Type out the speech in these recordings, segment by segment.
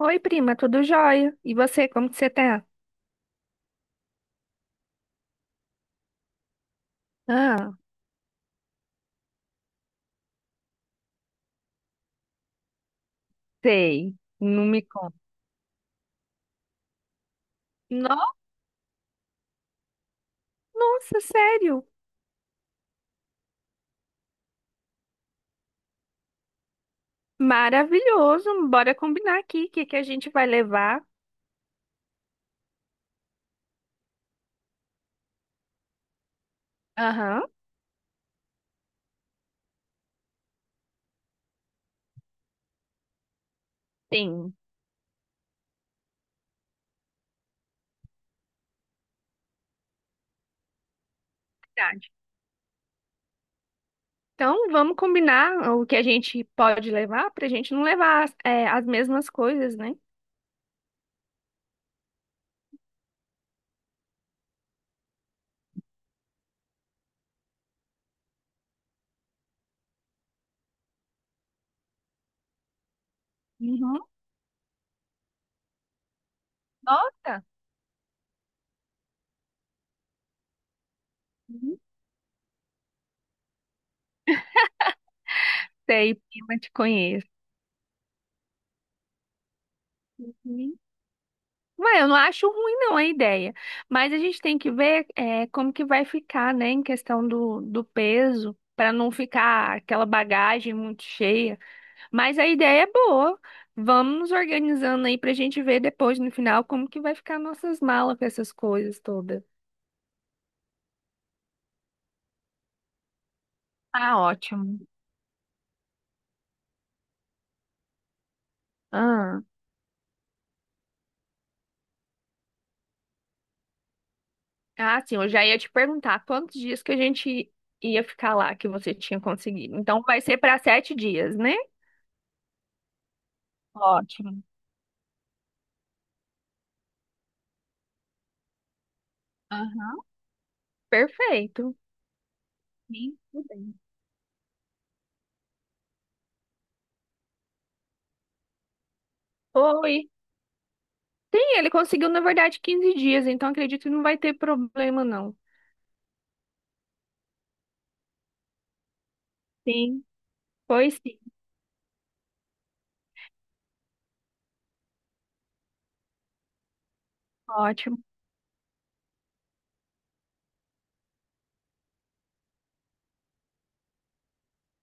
Oi, prima, tudo jóia? E você, como que você tá? Ah. Sei, não me conta. no- Nossa, sério? Maravilhoso. Bora combinar aqui o que que a gente vai levar. Aham. Sim. Verdade. Então, vamos combinar o que a gente pode levar pra gente não levar as mesmas coisas, né? Uhum. Nossa. Uhum. Sei, prima, te conheço. Ué, eu não acho ruim não a ideia, mas a gente tem que ver como que vai ficar, né, em questão do peso, para não ficar aquela bagagem muito cheia. Mas a ideia é boa. Vamos nos organizando aí para a gente ver depois no final como que vai ficar nossas malas com essas coisas todas. Ah, ótimo. Ah, ah, sim, eu já ia te perguntar quantos dias que a gente ia ficar lá que você tinha conseguido. Então vai ser para 7 dias, né? Ótimo. Aham. Perfeito. Sim, tudo bem. Foi. Tem, ele conseguiu, na verdade, 15 dias, então acredito que não vai ter problema, não. Sim, foi sim. Ótimo.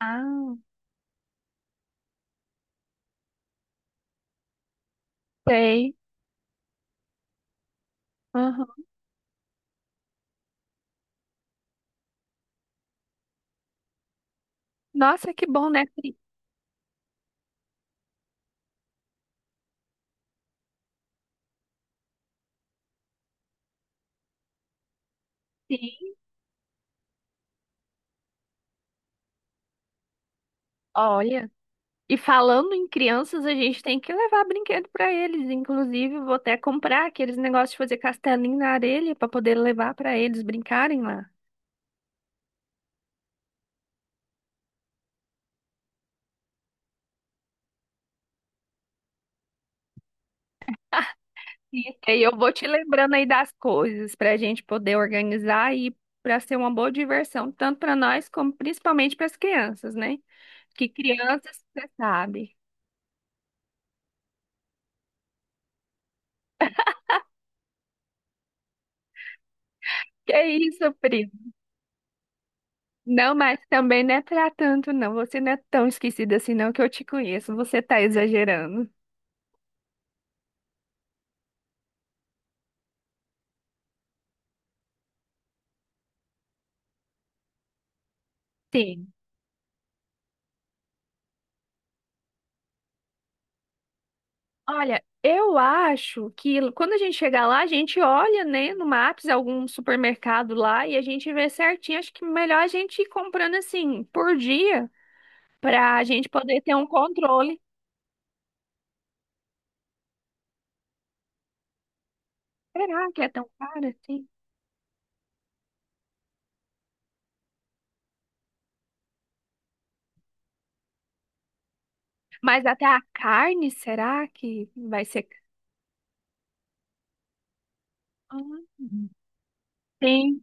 Ah, sei. Aham. Nossa, que bom, né? Sim. Sim. Olha. E falando em crianças, a gente tem que levar brinquedo para eles. Inclusive, vou até comprar aqueles negócios de fazer castelinho na areia para poder levar para eles brincarem lá. Isso. E aí eu vou te lembrando aí das coisas para a gente poder organizar e para ser uma boa diversão, tanto para nós como principalmente para as crianças, né? Que crianças, você sabe. Que é isso, primo. Não, mas também não é para tanto, não. Você não é tão esquecida assim, não, que eu te conheço. Você tá exagerando. Sim. Olha, eu acho que quando a gente chegar lá, a gente olha, né, no Maps, algum supermercado lá e a gente vê certinho. Acho que melhor a gente ir comprando assim por dia. Pra gente poder ter um controle. Será que é tão caro assim? Mas até a carne, será que vai ser? Ah. Sim.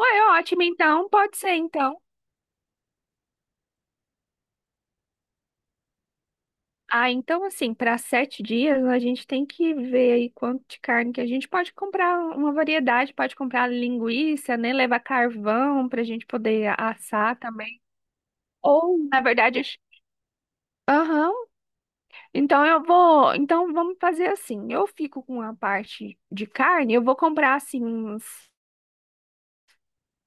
Ué, ótimo, então. Pode ser, então. Ah, então, assim, para 7 dias, a gente tem que ver aí quanto de carne que a gente pode comprar uma variedade, pode comprar linguiça, né? Levar carvão para a gente poder assar também. Ou, na verdade, acho- Aham. Então então vamos fazer assim. Eu fico com a parte de carne, eu vou comprar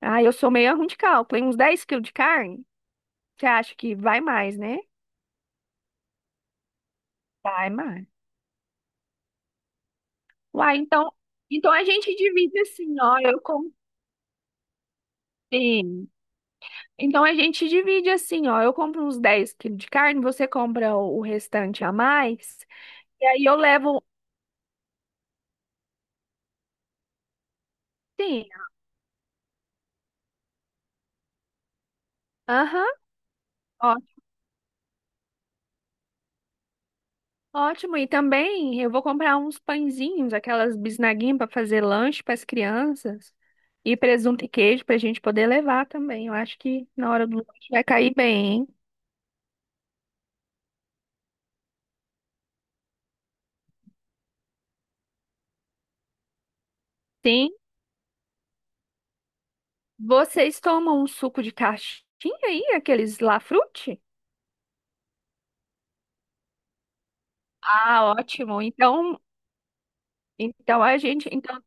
ah, eu sou meio ruim de cálculo, hein? Uns 10 quilos de carne. Você acha que vai mais, né? Vai mais. Uai, então, então a gente divide assim, ó, eu compro. Sim. Então a gente divide assim, ó, eu compro uns 10 quilos de carne, você compra o restante a mais, e aí eu levo, sim, aham. Ótimo, e também eu vou comprar uns pãezinhos, aquelas bisnaguinhas para fazer lanche para as crianças e presunto e queijo para a gente poder levar também. Eu acho que na hora do lanche vai cair bem, hein? Sim. Vocês tomam um suco de caixinha aí, aqueles Lafrute? Ah, ótimo. Então,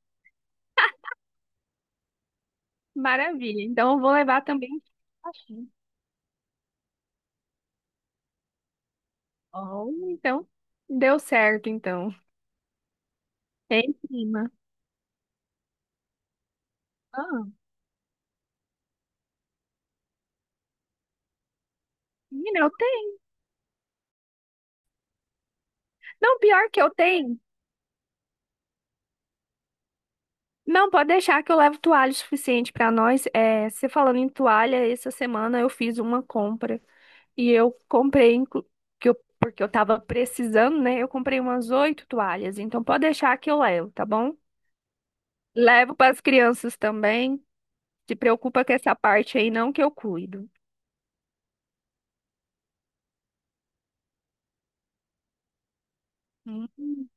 maravilha. Então eu vou levar também caixinha. Oh, então deu certo então. É, em cima. Ah, menina, eu tenho. Não, pior que eu tenho. Não, pode deixar que eu levo toalha o suficiente para nós. É, você falando em toalha, essa semana eu fiz uma compra e eu comprei, inclu- que eu- porque eu tava precisando, né? Eu comprei umas 8 toalhas, então pode deixar que eu levo, tá bom? Levo para as crianças também. Se preocupa com essa parte aí, não, que eu cuido. Hum,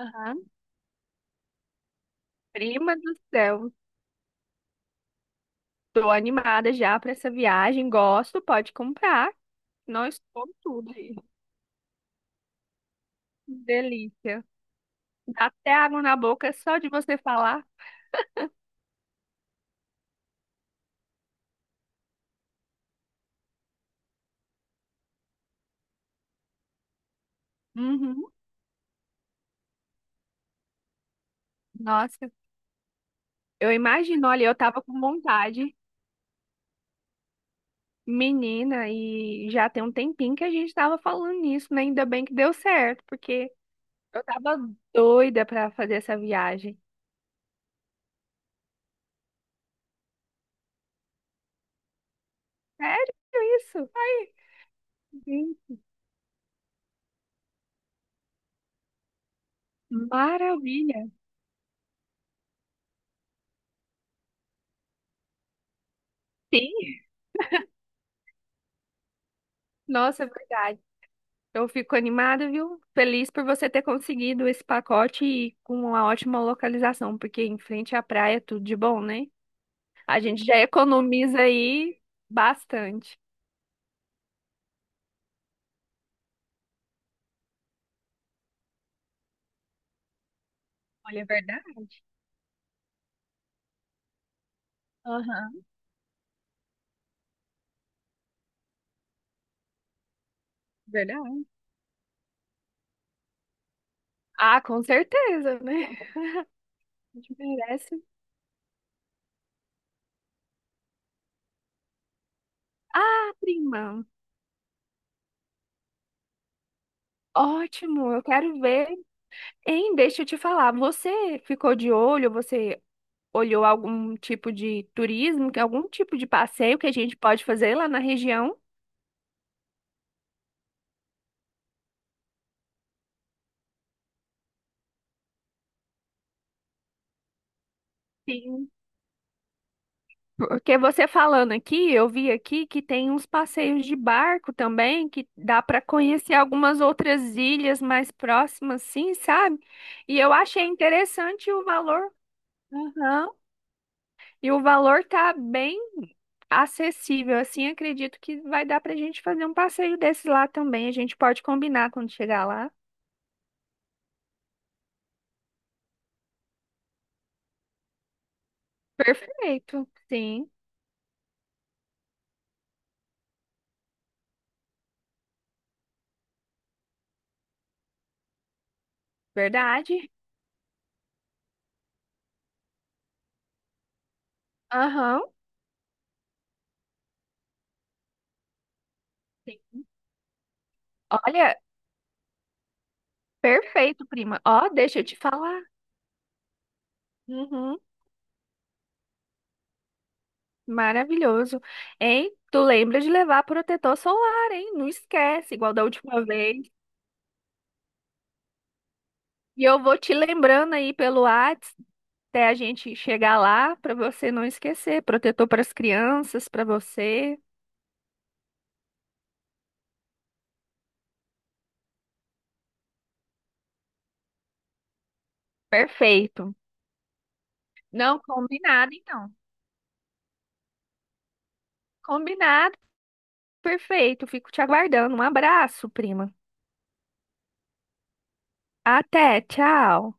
aham. Prima do céu, tô animada já para essa viagem. Gosto, pode comprar. Nós com tudo aí. Delícia. Dá até água na boca só de você falar. Uhum. Nossa, eu imagino, olha, eu tava com vontade, menina, e já tem um tempinho que a gente tava falando nisso, né? Ainda bem que deu certo, porque eu tava doida pra fazer essa viagem. Sério isso? Ai, sim. Maravilha. Sim. Nossa, é verdade. Eu fico animada, viu? Feliz por você ter conseguido esse pacote e com uma ótima localização, porque em frente à praia é tudo de bom, né? A gente já economiza aí bastante. Olha, é verdade. Aham, verdade. Ah, com certeza, né? A gente merece. Ah, prima. Ótimo, eu quero ver. Hein, deixa eu te falar, você ficou de olho, você olhou algum tipo de turismo, algum tipo de passeio que a gente pode fazer lá na região? Sim. Porque você falando aqui, eu vi aqui que tem uns passeios de barco também, que dá para conhecer algumas outras ilhas mais próximas, sim, sabe? E eu achei interessante o valor. Aham. E o valor tá bem acessível, assim, acredito que vai dar pra gente fazer um passeio desse lá também. A gente pode combinar quando chegar lá. Perfeito, sim, verdade. Aham. Sim. Olha, perfeito, prima. Ó, deixa eu te falar. Uhum. Maravilhoso. Hein? Tu lembra de levar protetor solar, hein? Não esquece, igual da última vez. E eu vou te lembrando aí pelo Whats até a gente chegar lá para você não esquecer. Protetor para as crianças, para você. Perfeito. Não, combinado então. Combinado, perfeito. Fico te aguardando. Um abraço, prima. Até, tchau.